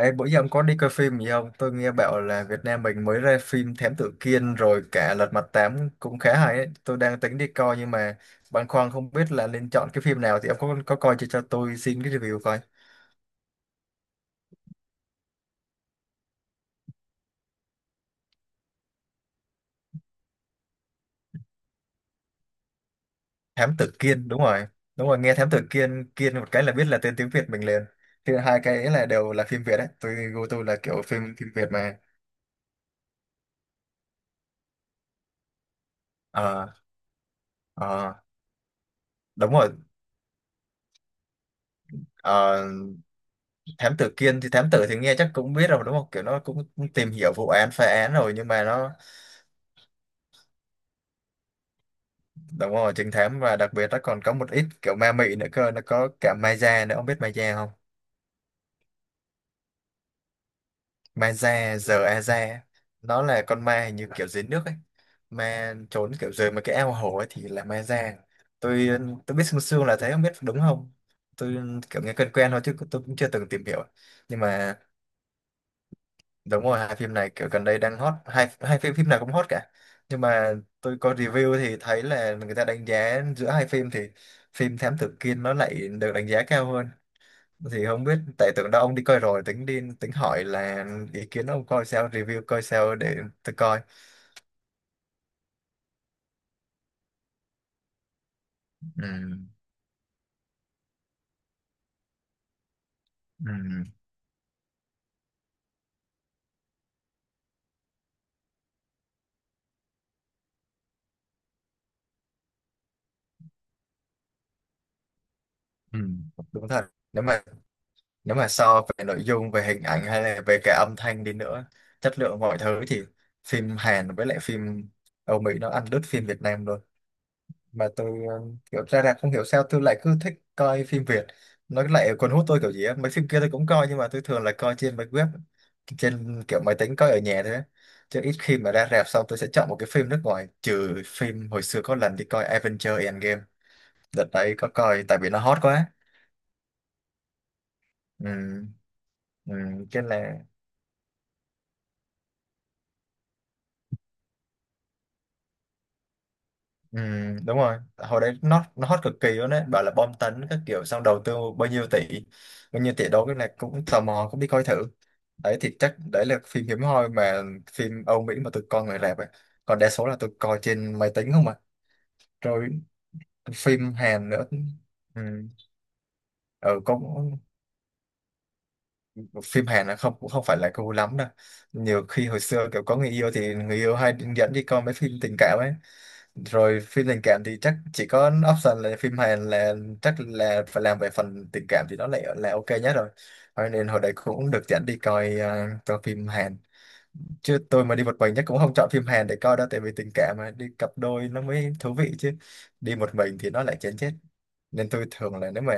Ê, bữa giờ ông có đi coi phim gì không? Tôi nghe bảo là Việt Nam mình mới ra phim Thám Tử Kiên rồi cả Lật Mặt Tám cũng khá hay ấy. Tôi đang tính đi coi nhưng mà băn khoăn không biết là nên chọn cái phim nào thì ông có coi cho tôi xin cái review coi. Thám Tử Kiên, đúng rồi. Đúng rồi, nghe Thám Tử Kiên Kiên một cái là biết là tên tiếng Việt mình liền. Thì hai cái ấy đều là phim Việt đấy. Tôi gu tôi là kiểu phim phim Việt mà. Ờ, ờ, đúng rồi. Ờ, thám tử thì nghe chắc cũng biết rồi đúng không? Kiểu nó cũng tìm hiểu vụ án phá án rồi. Nhưng mà nó Đúng rồi, trứng thám. Và đặc biệt nó còn có một ít kiểu ma mị nữa cơ, nó có cả ma da nữa, ông biết ma da không? Ma da giờ a da. Nó là con ma hình như kiểu dưới nước ấy, ma trốn kiểu dưới mấy cái ao hồ ấy thì là ma da. Tôi tôi biết sương sương là thế, không biết đúng không. Tôi kiểu nghe quen quen thôi chứ tôi cũng chưa từng tìm hiểu. Nhưng mà đúng rồi, hai phim này kiểu gần đây đang hot, hai hai phim phim nào cũng hot cả. Nhưng mà tôi có review thì thấy là người ta đánh giá giữa hai phim thì phim Thám Tử Kiên nó lại được đánh giá cao hơn. Thì không biết, tại tưởng đâu ông đi coi rồi, tính hỏi là ý kiến ông coi sao, review coi sao để tôi coi. Ừ, ừ, ừ. Đúng thật, nếu mà so về nội dung về hình ảnh hay là về cả âm thanh đi nữa, chất lượng mọi thứ thì phim Hàn với lại phim Âu Mỹ nó ăn đứt phim Việt Nam luôn. Mà tôi kiểu ra rạp không hiểu sao tôi lại cứ thích coi phim Việt, nó lại cuốn hút tôi kiểu gì á. Mấy phim kia tôi cũng coi nhưng mà tôi thường là coi trên mấy web, trên kiểu máy tính coi ở nhà thôi á. Chứ ít khi mà ra rạp xong tôi sẽ chọn một cái phim nước ngoài, trừ phim hồi xưa có lần đi coi Avengers Endgame, đợt đấy có coi tại vì nó hot quá. Ừ, ừ, cái là ừ. Đúng rồi, hồi đấy nó hot cực kỳ luôn đấy, bảo là bom tấn các kiểu, xong đầu tư bao nhiêu tỷ đó, cái này cũng tò mò cũng đi coi thử. Đấy thì chắc đấy là phim hiếm hoi mà phim Âu Mỹ mà tụi con người rạp ấy. Còn đa số là tụi coi trên máy tính không à. Rồi phim Hàn nữa. Ừ, ừ cũng, phim Hàn là không, cũng không phải là cool lắm đâu. Nhiều khi hồi xưa kiểu có người yêu thì người yêu hay dẫn đi coi mấy phim tình cảm ấy. Rồi phim tình cảm thì chắc chỉ có option là phim Hàn, là chắc là phải làm về phần tình cảm thì nó lại là ok nhất rồi. Cho nên hồi đấy cũng được dẫn đi coi phim Hàn. Chứ tôi mà đi một mình chắc cũng không chọn phim Hàn để coi đâu, tại vì tình cảm mà đi cặp đôi nó mới thú vị chứ, đi một mình thì nó lại chán chết. Nên tôi thường là,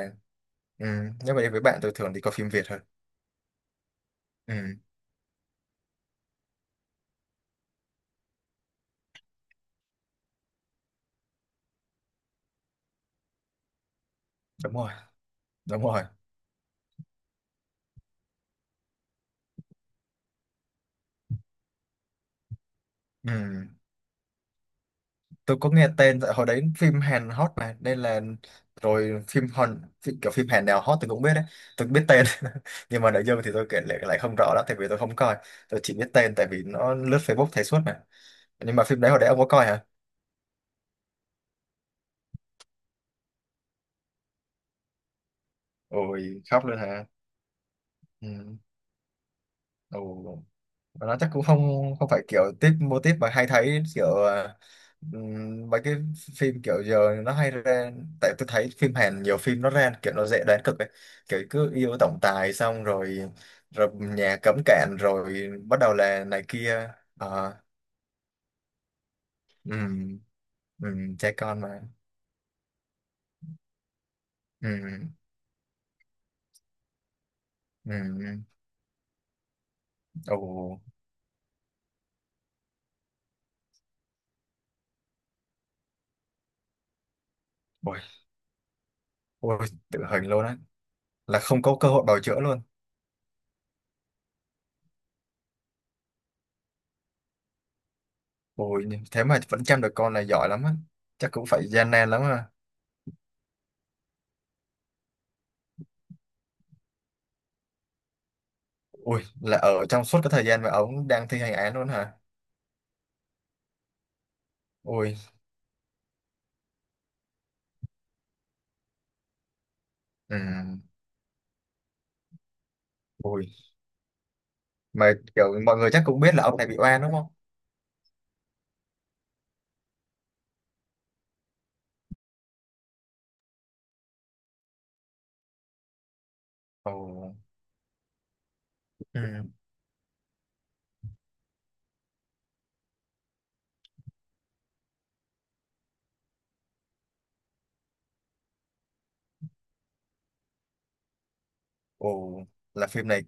ừ, nếu mà đi với bạn tôi thường đi coi phim Việt hơn. Ừ, đúng rồi, đúng rồi, ừ. Tôi có nghe tên, tại hồi đấy phim Hàn hot mà nên là, rồi phim Hàn phim, kiểu phim Hàn nào hot tôi cũng biết đấy, tôi biết tên. Nhưng mà nội dung thì tôi kể lại không rõ lắm, tại vì tôi không coi, tôi chỉ biết tên tại vì nó lướt Facebook thấy suốt mà. Nhưng mà phim đấy hồi đấy ông có coi hả? Ôi khóc luôn hả? Ừ. Ồ. Và nó chắc cũng không không phải kiểu tiếp mô típ mà hay thấy, kiểu mấy cái phim kiểu giờ nó hay ra. Tại tôi thấy phim Hàn nhiều phim nó ra kiểu nó dễ đoán cực ấy, kiểu cứ yêu tổng tài xong rồi rồi nhà cấm cản rồi bắt đầu là này kia. Ờ, ừm, trẻ con mà. ừm, ừm, Ồ, ôi. Ôi tự hình luôn á, là không có cơ hội bào chữa luôn. Ôi thế mà vẫn chăm được con này giỏi lắm á, chắc cũng phải gian nan lắm á. Ui, là ở trong suốt cái thời gian mà ông đang thi hành án luôn hả? Ui, ừ, ui. Mà kiểu mọi người chắc cũng biết là ông này bị oan đúng không? Ồ, ừ, ồ, là phim này,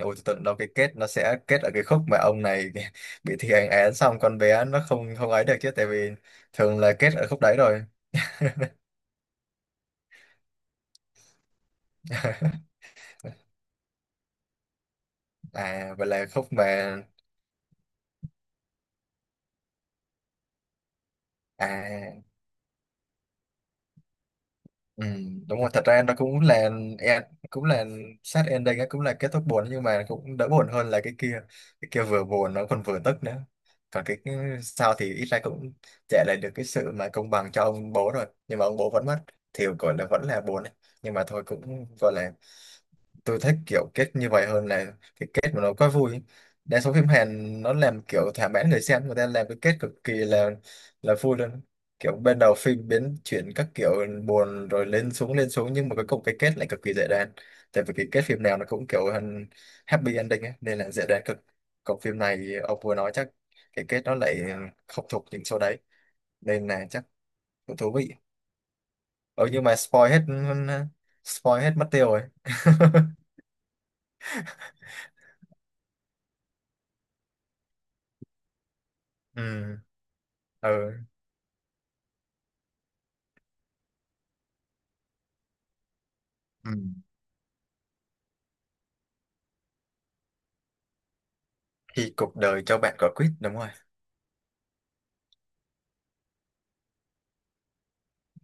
ôi tôi tưởng đâu cái kết nó sẽ kết ở cái khúc mà ông này bị thi hành án xong con bé nó không không ấy được chứ, tại vì thường là kết ở khúc đấy rồi. À, vậy là khúc mà, à. Ừ, đúng rồi, thật ra nó cũng là sad ending á, cũng là kết thúc buồn nhưng mà cũng đỡ buồn hơn là cái kia. Cái kia vừa buồn nó còn vừa tức nữa. Còn cái sau thì ít ra cũng trả lại được cái sự mà công bằng cho ông bố, rồi nhưng mà ông bố vẫn mất thì gọi là vẫn là buồn ấy. Nhưng mà thôi cũng gọi là, tôi thích kiểu kết như vậy hơn là cái kết mà nó quá vui. Đa số phim Hàn nó làm kiểu thỏa mãn người xem, người ta làm cái kết cực kỳ là vui luôn, kiểu bên đầu phim biến chuyển các kiểu, buồn rồi lên xuống nhưng mà cuối cùng cái kết lại cực kỳ dễ đoán. Tại vì cái kết phim nào nó cũng kiểu hơn happy ending ấy, nên là dễ đoán cực. Còn phim này ông vừa nói chắc cái kết nó lại không thuộc những số đấy, nên là chắc cũng thú vị. Ừ nhưng mà spoil hết mất tiêu rồi. Ừ, ừ. Thì cuộc đời cho bạn quả quýt, đúng rồi.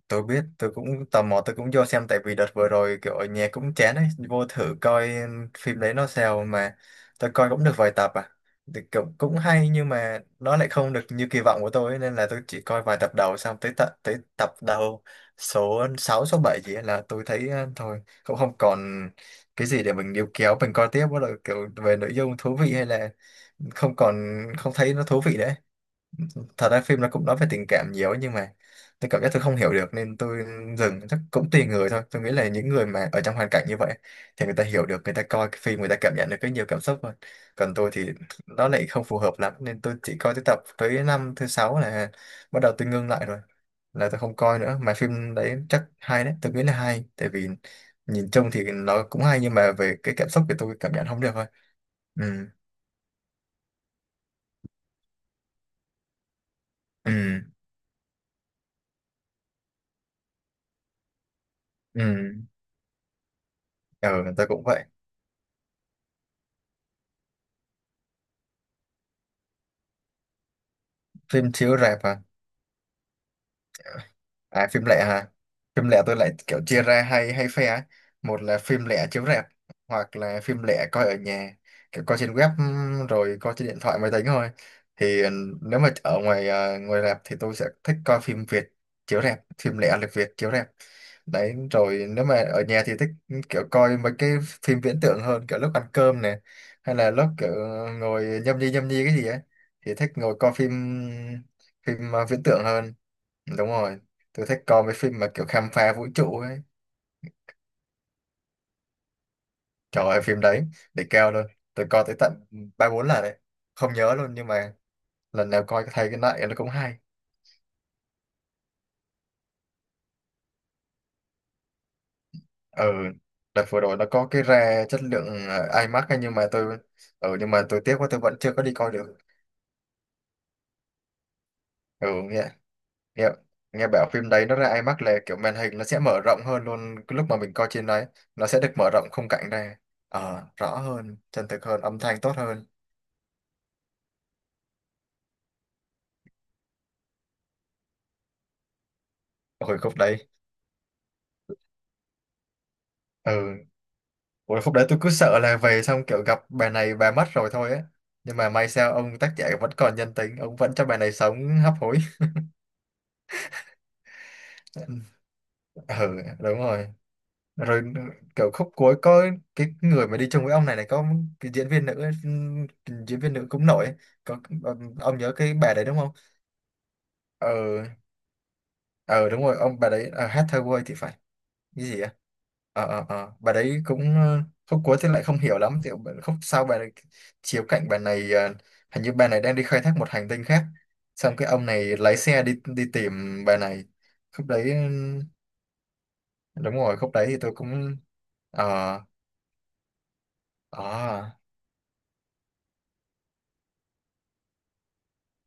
Tôi biết, tôi cũng tò mò, tôi cũng vô xem tại vì đợt vừa rồi kiểu ở nhà cũng chán ấy, vô thử coi phim đấy nó sao mà. Tôi coi cũng được vài tập à, thì cũng, cũng hay nhưng mà nó lại không được như kỳ vọng của tôi ấy, nên là tôi chỉ coi vài tập đầu xong tới tập đầu số 6 số 7 gì ấy là tôi thấy thôi, cũng không còn cái gì để mình níu kéo mình coi tiếp, bắt đầu kiểu về nội dung thú vị hay là không còn, không thấy nó thú vị nữa. Thật ra phim nó cũng nói về tình cảm nhiều ấy, nhưng mà tôi cảm giác tôi không hiểu được nên tôi dừng. Chắc cũng tùy người thôi, tôi nghĩ là những người mà ở trong hoàn cảnh như vậy thì người ta hiểu được, người ta coi cái phim người ta cảm nhận được cái nhiều cảm xúc hơn. Còn tôi thì nó lại không phù hợp lắm nên tôi chỉ coi tới năm thứ sáu là bắt đầu tôi ngưng lại rồi, là tôi không coi nữa. Mà phim đấy chắc hay đấy, tôi nghĩ là hay tại vì nhìn chung thì nó cũng hay nhưng mà về cái cảm xúc thì tôi cảm nhận không được thôi. Ừ, ừ, ừ, ừ, tôi cũng vậy. Phim chiếu rạp à? À phim lẻ hả? Phim lẻ tôi lại kiểu chia ra hai hai phe ấy. Một là phim lẻ chiếu rạp hoặc là phim lẻ coi ở nhà, kiểu coi trên web, rồi coi trên điện thoại máy tính thôi. Thì nếu mà ở ngoài rạp thì tôi sẽ thích coi phim Việt chiếu rạp, phim lẻ lịch Việt chiếu rạp. Đấy, rồi nếu mà ở nhà thì thích kiểu coi mấy cái phim viễn tưởng hơn, kiểu lúc ăn cơm nè hay là lúc kiểu ngồi nhâm nhi cái gì ấy thì thích ngồi coi phim phim ờ, viễn tưởng hơn. Đúng rồi, tôi thích coi mấy phim mà kiểu khám phá vũ trụ ấy. Trời ơi, phim đấy để keo luôn, tôi coi tới tận 3 4 lần đấy, không nhớ luôn, nhưng mà lần nào coi thấy cái này nó cũng hay. Ừ, đợt vừa rồi nó có cái ra chất lượng IMAX ấy, nhưng mà tôi, ừ, nhưng mà tôi tiếc quá, tôi vẫn chưa có đi coi được. Ừ, nghe nghe nghe bảo phim đấy nó ra IMAX là kiểu màn hình nó sẽ mở rộng hơn luôn cái lúc mà mình coi trên đấy, nó sẽ được mở rộng khung cảnh ra, ờ, rõ hơn, chân thực hơn, âm thanh tốt hơn. Hồi khúc đấy, ừ. Ủa, khúc đấy tôi cứ sợ là về xong kiểu gặp bà này bà mất rồi thôi á. Nhưng mà may sao ông tác giả vẫn còn nhân tính, ông vẫn cho bà này sống hấp hối. Ừ, đúng rồi. Rồi kiểu khúc cuối có cái người mà đi chung với ông này này, có cái diễn viên nữ ấy, diễn viên nữ cũng nổi ấy. Có ông nhớ cái bà đấy đúng không? Ờ, ờ đúng rồi, ông bà đấy hát thơ quê thì phải. Cái gì á, bà đấy cũng, khúc cuối thì lại không hiểu lắm thì khúc sau bà này chiếu cạnh bà này, hình như bà này đang đi khai thác một hành tinh khác, xong cái ông này lái xe đi đi tìm bà này khúc đấy. Ừ, đúng rồi, khúc đấy thì tôi cũng, ờ ờ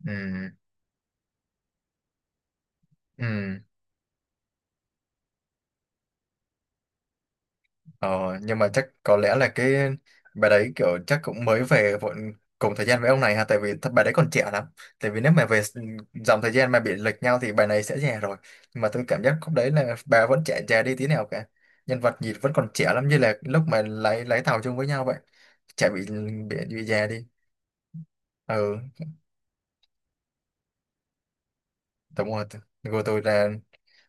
ừ, ừ. Ờ, nhưng mà chắc có lẽ là cái bà đấy kiểu chắc cũng mới về vội cùng thời gian với ông này ha, tại vì thật bà đấy còn trẻ lắm. Tại vì nếu mà dòng thời gian mà bị lệch nhau thì bà này sẽ già rồi, nhưng mà tôi cảm giác khúc đấy là bà vẫn trẻ, già đi tí nào cả, nhân vật nhìn vẫn còn trẻ lắm như là lúc mà lái lái tàu chung với nhau vậy. Trẻ bị, bị già đi. Ừ, đúng rồi. Tôi là,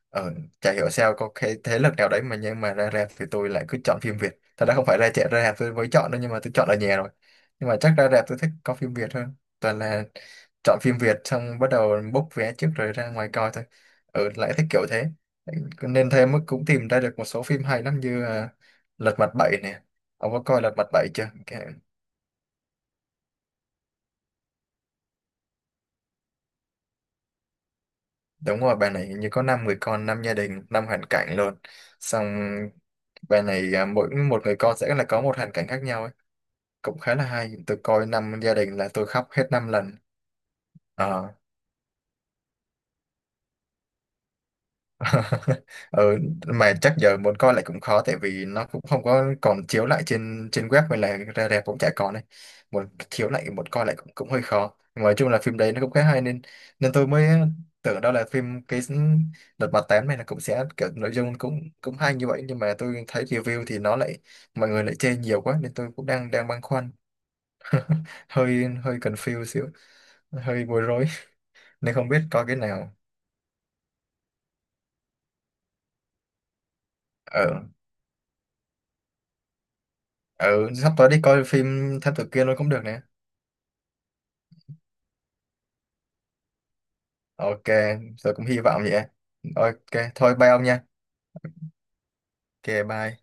ờ, chả hiểu sao có cái thế lực nào đấy, mà nhưng mà ra rạp thì tôi lại cứ chọn phim Việt. Thật ra không phải ra trẻ ra rạp tôi mới chọn đâu, nhưng mà tôi chọn ở nhà rồi, nhưng mà chắc ra rạp tôi thích có phim Việt hơn. Toàn là chọn phim Việt xong bắt đầu book vé trước rồi ra ngoài coi thôi. Ừ, lại thích kiểu thế, nên thêm mức cũng tìm ra được một số phim hay lắm như à, Lật Mặt 7 nè. Ông có coi Lật Mặt 7 chưa? Đúng rồi, bà này hình như có 5 người con, 5 gia đình, 5 hoàn cảnh luôn. Xong bài này à, mỗi một người con sẽ là có một hoàn cảnh khác nhau, cũng khá là hay, tôi coi 5 gia đình là tôi khóc hết 5 lần. Ờ. Ừ, mà chắc giờ muốn coi lại cũng khó, tại vì nó cũng không có còn chiếu lại trên trên web hay là ra rạp cũng chả còn này, muốn chiếu lại muốn coi lại cũng cũng hơi khó. Nhưng mà nói chung là phim đấy nó cũng khá hay, nên nên tôi mới tưởng đâu là phim cái đợt mặt 8 này là cũng sẽ kiểu nội dung cũng cũng hay như vậy, nhưng mà tôi thấy review thì nó lại, mọi người lại chê nhiều quá, nên tôi cũng đang đang băn khoăn, hơi hơi confused xíu, hơi bối rối. Nên không biết coi cái nào. Ừ, ừ, sắp tới đi coi phim thám tử kia luôn cũng được nè. Ok, tôi cũng hy vọng vậy. Ok thôi, bye ông nha. Ok bye.